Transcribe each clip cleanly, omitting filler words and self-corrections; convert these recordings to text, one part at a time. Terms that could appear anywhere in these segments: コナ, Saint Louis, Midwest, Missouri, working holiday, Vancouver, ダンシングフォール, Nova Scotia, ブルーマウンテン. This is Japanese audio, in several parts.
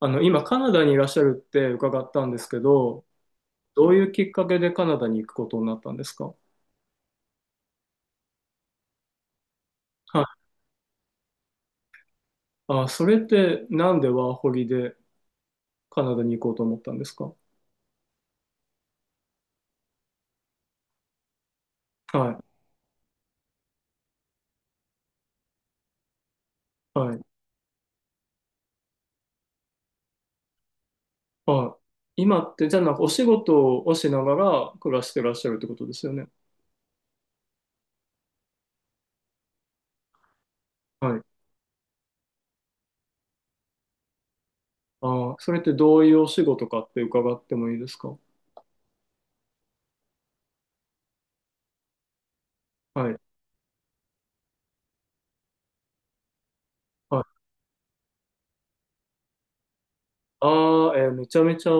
今カナダにいらっしゃるって伺ったんですけど、どういうきっかけでカナダに行くことになったんですか？はい。あ、それってなんでワーホリでカナダに行こうと思ったんですか？はい。はい。はい。今って、じゃあなんかお仕事をしながら暮らしてらっしゃるってことですよね。はい。ああ、それってどういうお仕事かって伺ってもいいですか？はい。はい。ああ、めちゃめちゃ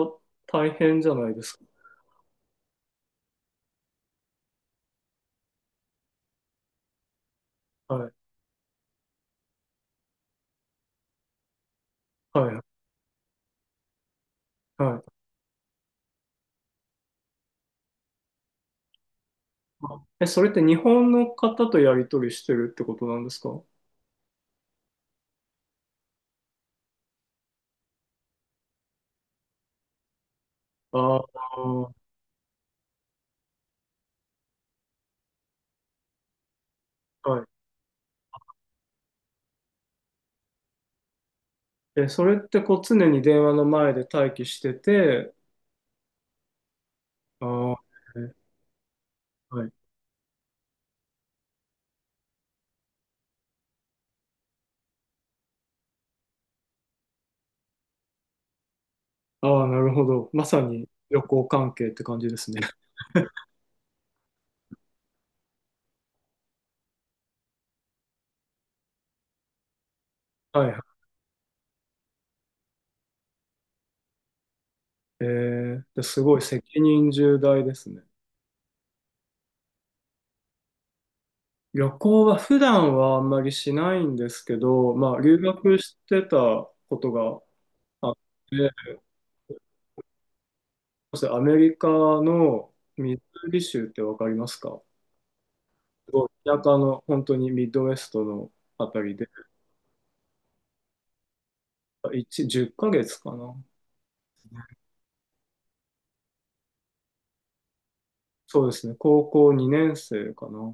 大変じゃないですか。はい。はい。はい。それって日本の方とやり取りしてるってことなんですか？ああ、はい。え、それってこう常に電話の前で待機してて、ああ、えはい。ああ、なるほど。まさに旅行関係って感じですね。はいはい。ですごい責任重大ですね。旅行は普段はあんまりしないんですけど、まあ留学してたことがあって、そしてアメリカのミズーリ州ってわかりますか？すごい田舎の本当にミッドウェストのあたりで、1、10ヶ月かげつかな。そうですね、高校2年生かな。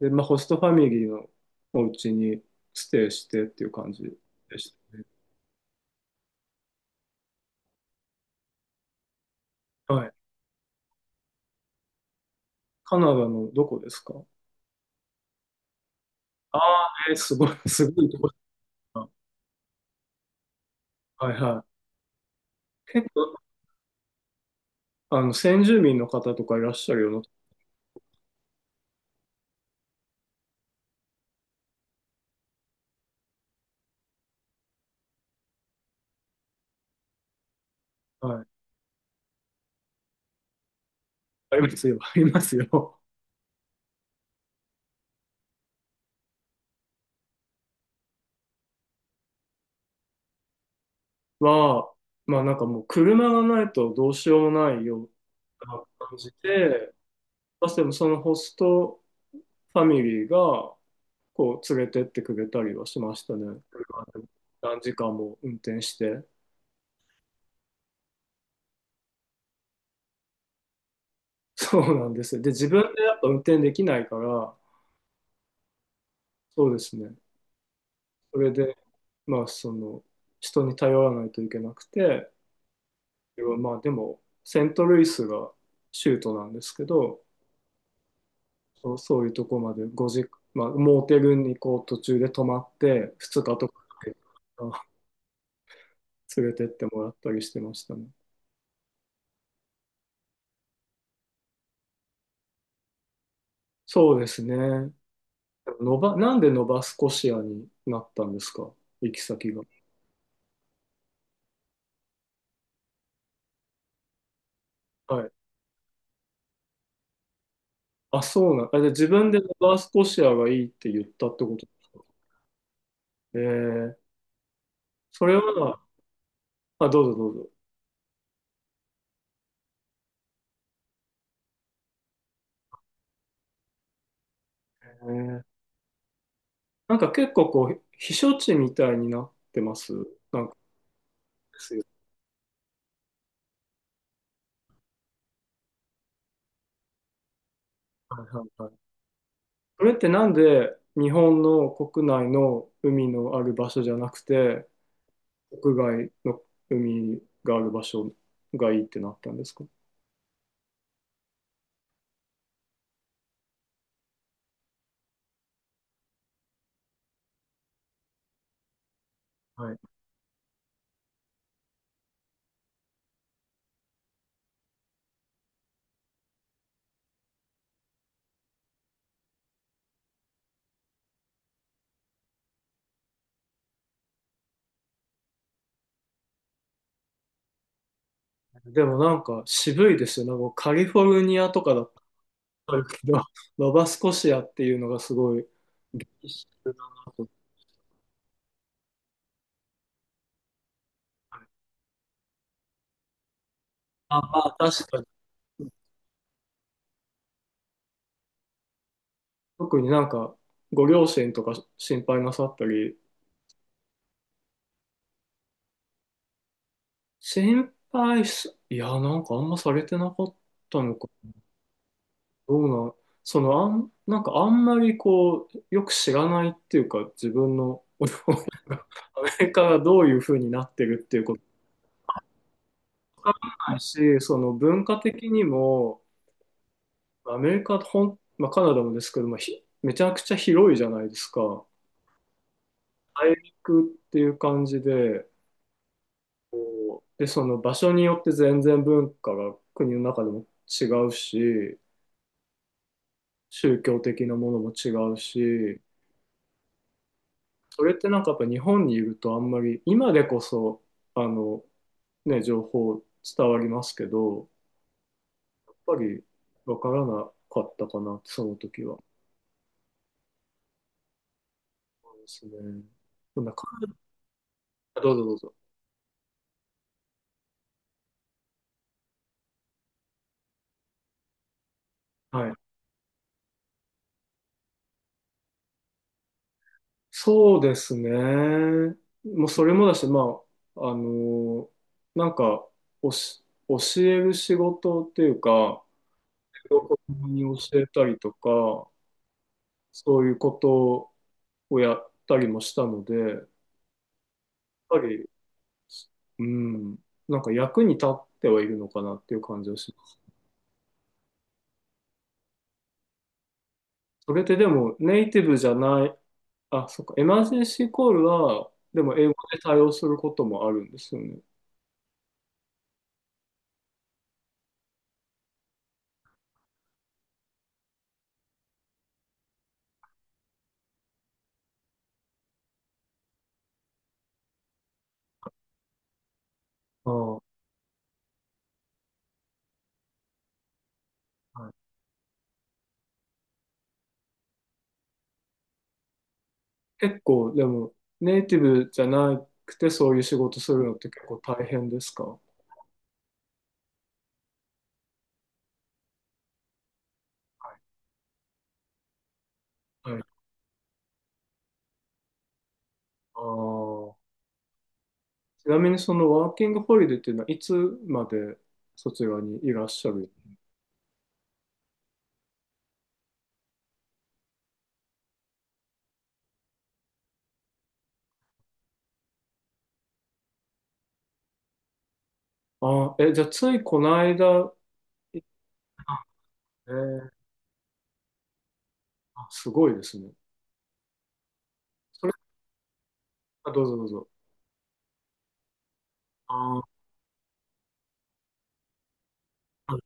で、まあ、ホストファミリーのお家にステイしてっていう感じでしたね。はい。カナダのどこですか？ああー、すごい、すごいとこだな。はいはい。結構、先住民の方とかいらっしゃるような、はい。ありますよ、ありますよ。は、まあなんかもう車がないとどうしようもないような感じで、まあ、でもそのホストファミリーが、連れてってくれたりはしましたね。車で何時間も運転して。そうなんですよ。で、自分でやっぱ運転できないから、そうですね。それで、まあ、人に頼らないといけなくて、まあ、でも、セントルイスが州都なんですけど、そう、そういうとこまで5時、まあ、モーテルにこう途中で泊まって、2日とかかけて連れてってもらったりしてましたね。そうですね。なんでノバスコシアになったんですか？行き先が。はい。あ、そうなん。あ、じゃあ自分でノバスコシアがいいって言ったってことですか？えー、それは、あ、どうぞどうぞ。えー、なんか結構避暑地みたいになってます。なんかですよ。はいはいはい。それってなんで日本の国内の海のある場所じゃなくて、国外の海がある場所がいいってなったんですか？でもなんか渋いですよね。なんかカリフォルニアとかだったらあるけど、ノバスコシアっていうのがすごい一緒だなと。あ、まあ確かに。特になんかご両親とか心配なさったり、心配す、いや、なんかあんまされてなかったのか。どうなん、なんかあんまりよく知らないっていうか、自分の親がアメリカが どういう風になってるっていうこともないし、その文化的にも、アメリカ、まあ、カナダもですけど、まあ、めちゃくちゃ広いじゃないですか。国っていう感じで、その場所によって全然文化が国の中でも違うし、宗教的なものも違うし、それってなんかやっぱ日本にいるとあんまり、今でこそ、あの、ね、情報伝わりますけど、やっぱりわからなかったかな、その時は。そうですね。そんな感じ。どうぞどうぞ。はい。そうですね。もうそれもだし、まあ、なんか、教える仕事っていうか、子供に教えたりとか、そういうことをやったりもしたので、やっぱり、うん、なんか役に立ってはいるのかなっていう感じはします。それってでも、ネイティブじゃない、あ、そっか、エマージェンシーコールは、でも英語で対応することもあるんですよね。ああ。結構、でも、ネイティブじゃなくて、そういう仕事するのって結構大変ですか？はい。あー、ちなみに、そのワーキングホリデーっていうのは、いつまでそちらにいらっしゃる？あーえ、じゃあ、ついこの間、いあえーあ、すごいですね。それ、あ、どうぞどうぞ。あー、あ、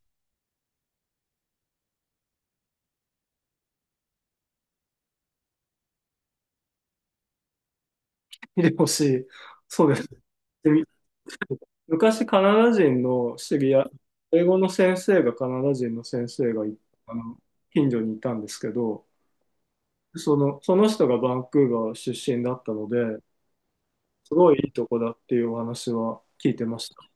見てほしい。そうです。でみ昔、カナダ人の知り合い、英語の先生がカナダ人の先生がいあの近所にいたんですけど、その人がバンクーバー出身だったので、すごいいいとこだっていうお話は聞いてました。